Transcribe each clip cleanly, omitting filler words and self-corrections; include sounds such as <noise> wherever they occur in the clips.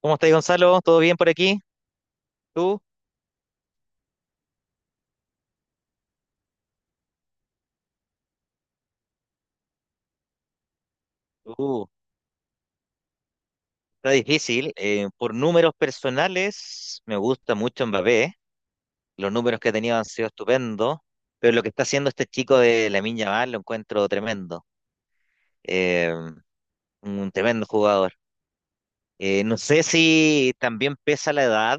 ¿Cómo estás, Gonzalo? ¿Todo bien por aquí? ¿Tú? Uh, Está difícil. Por números personales, me gusta mucho Mbappé. Los números que ha tenido han sido estupendos. Pero lo que está haciendo este chico de Lamine Yamal lo encuentro tremendo. Eh, un tremendo jugador. No sé si también pesa la edad,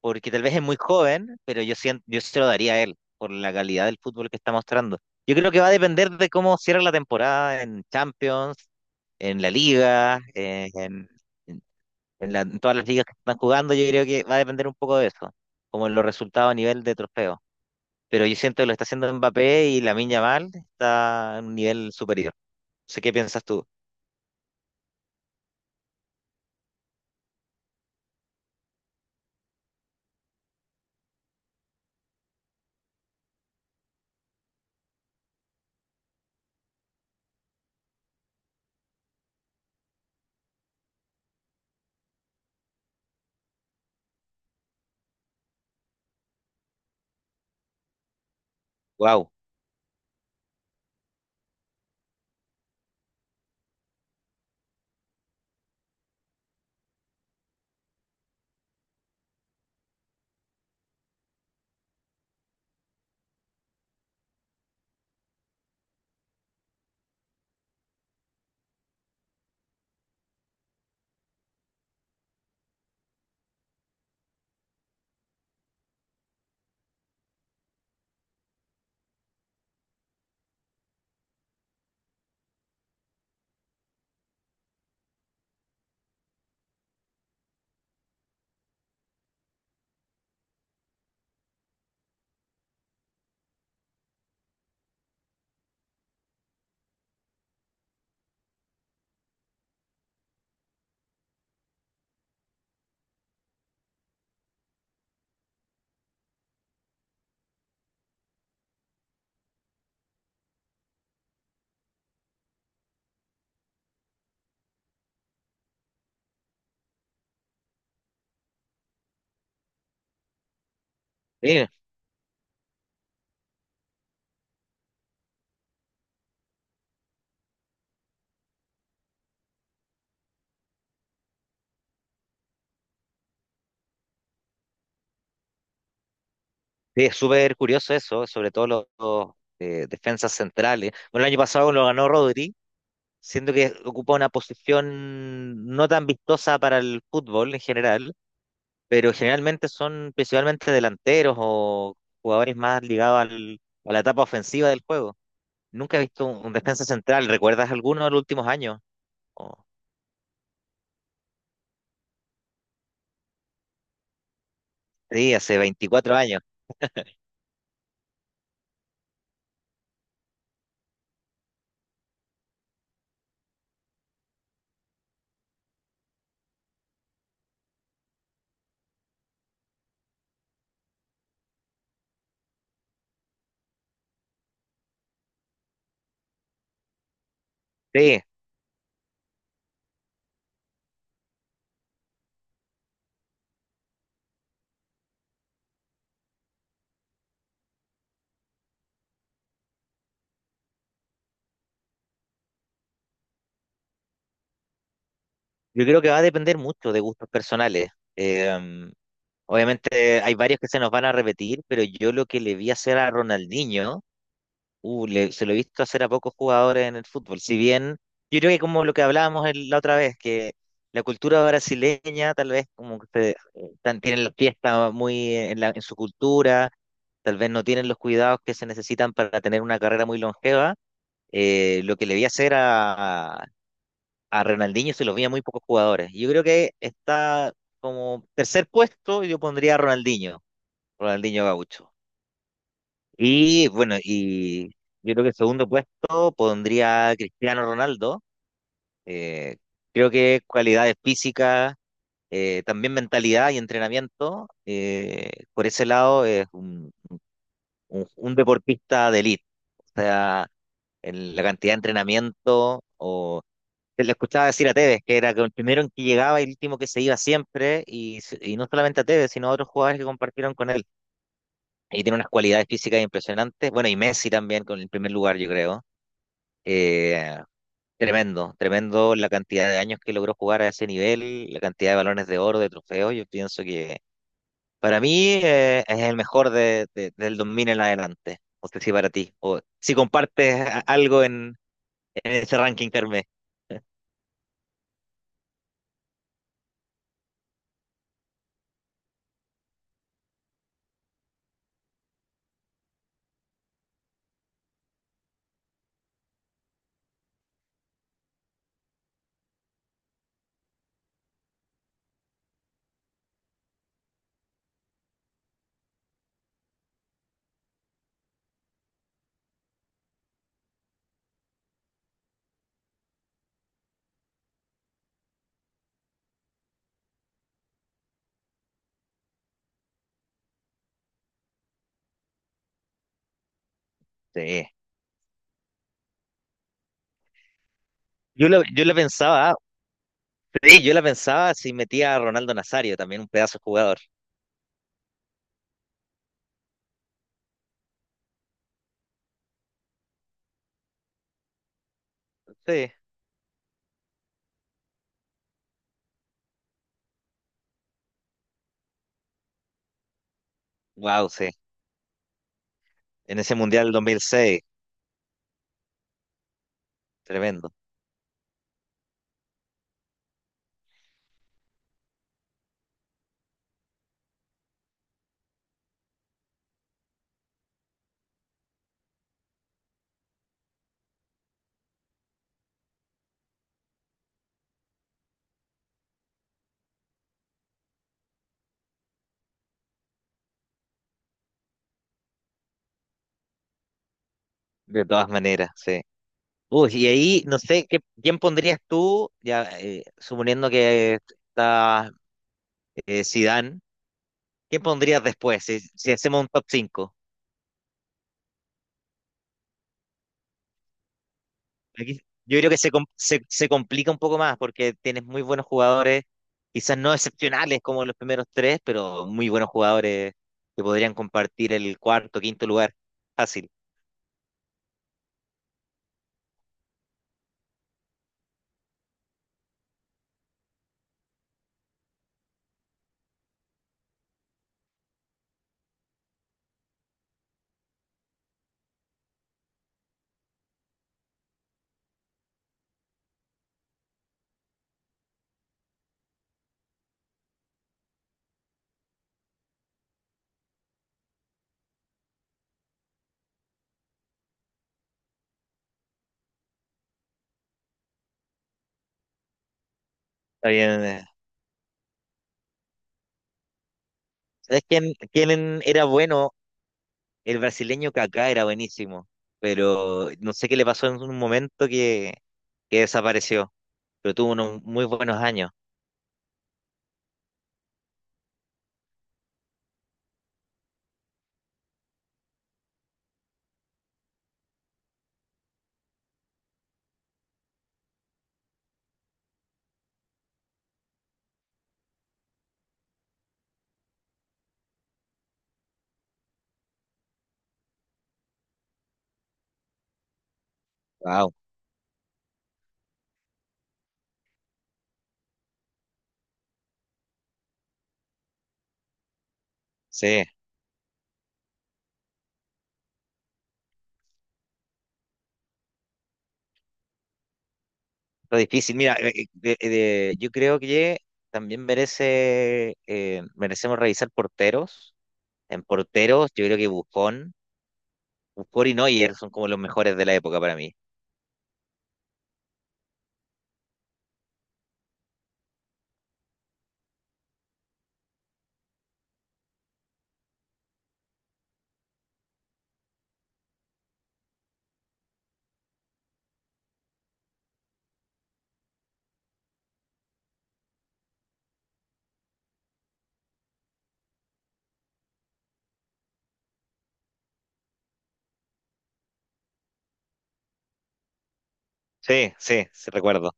porque tal vez es muy joven, pero yo siento, yo se lo daría a él por la calidad del fútbol que está mostrando. Yo creo que va a depender de cómo cierra la temporada en Champions, en la Liga, en- en en todas las ligas que están jugando. Yo creo que va a depender un poco de eso, como en los resultados a nivel de trofeo. Pero yo siento que lo está haciendo Mbappé y Lamine Yamal está a un nivel superior. No sé qué piensas tú. Wow. Sí, sí, es súper curioso eso, sobre todo defensas centrales. Bueno, el año pasado lo ganó Rodri. Siento que ocupa una posición no tan vistosa para el fútbol en general, pero generalmente son principalmente delanteros o jugadores más ligados a la etapa ofensiva del juego. Nunca he visto un defensa central, ¿recuerdas alguno de los últimos años? O- sí, hace 24 años. Sí, yo creo que va a depender mucho de gustos personales. Eh, Obviamente hay varios que se nos van a repetir, pero yo lo que le vi hacer a Ronaldinho. Se lo he visto hacer a pocos jugadores en el fútbol. Si bien, yo creo que como lo que hablábamos la otra vez, que la cultura brasileña tal vez como que tienen la fiesta muy en, en su cultura, tal vez no tienen los cuidados que se necesitan para tener una carrera muy longeva. Lo que le vi hacer a Ronaldinho se lo vi a muy pocos jugadores. Yo creo que está como tercer puesto, yo pondría a Ronaldinho, Ronaldinho Gaúcho. Y bueno, y yo creo que el segundo puesto pondría a Cristiano Ronaldo. Eh, Creo que cualidades físicas, también mentalidad y entrenamiento. Por ese lado es un, un deportista de élite. O sea, en la cantidad de entrenamiento o... te Le escuchaba decir a Tevez, que era que el primero en que llegaba y el último que se iba siempre, y, y no solamente a Tevez, sino a otros jugadores que compartieron con él y tiene unas cualidades físicas impresionantes. Bueno, y Messi también con el primer lugar, yo creo. Eh, Tremendo, tremendo la cantidad de años que logró jugar a ese nivel, la cantidad de balones de oro, de trofeos. Yo pienso que para mí es el mejor del 2000 en adelante. No sé si para ti, o si compartes algo en ese ranking, Carmen. <laughs> Sí. Yo lo pensaba, sí, yo la pensaba si metía a Ronaldo Nazario, también un pedazo de jugador. Sí. Wow, sí. En ese Mundial del 2006, tremendo. De todas maneras, sí. Uy, y ahí, no sé, ¿qué, quién pondrías tú, ya suponiendo que está Zidane, ¿quién pondrías después si, si hacemos un top cinco? Aquí, yo creo que se complica un poco más porque tienes muy buenos jugadores, quizás no excepcionales como los primeros tres, pero muy buenos jugadores que podrían compartir el cuarto, quinto lugar. Fácil. Está bien. ¿Sabes quién, quién era bueno? El brasileño Kaká era buenísimo, pero no sé qué le pasó en un momento que desapareció, pero tuvo unos muy buenos años. Wow, sí, fue difícil. Mira, yo creo que también merece, merecemos revisar porteros. En porteros, yo creo que Buffon, Buffon y Neuer son como los mejores de la época para mí. Sí, sí, sí, recuerdo.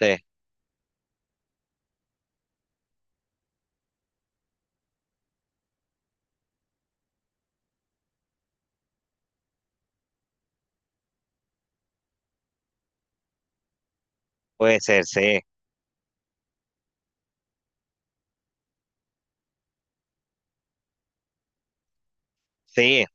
Sí, puede ser, sí, sí.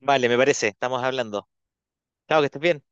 Vale, me parece, estamos hablando. Chao, que estés bien.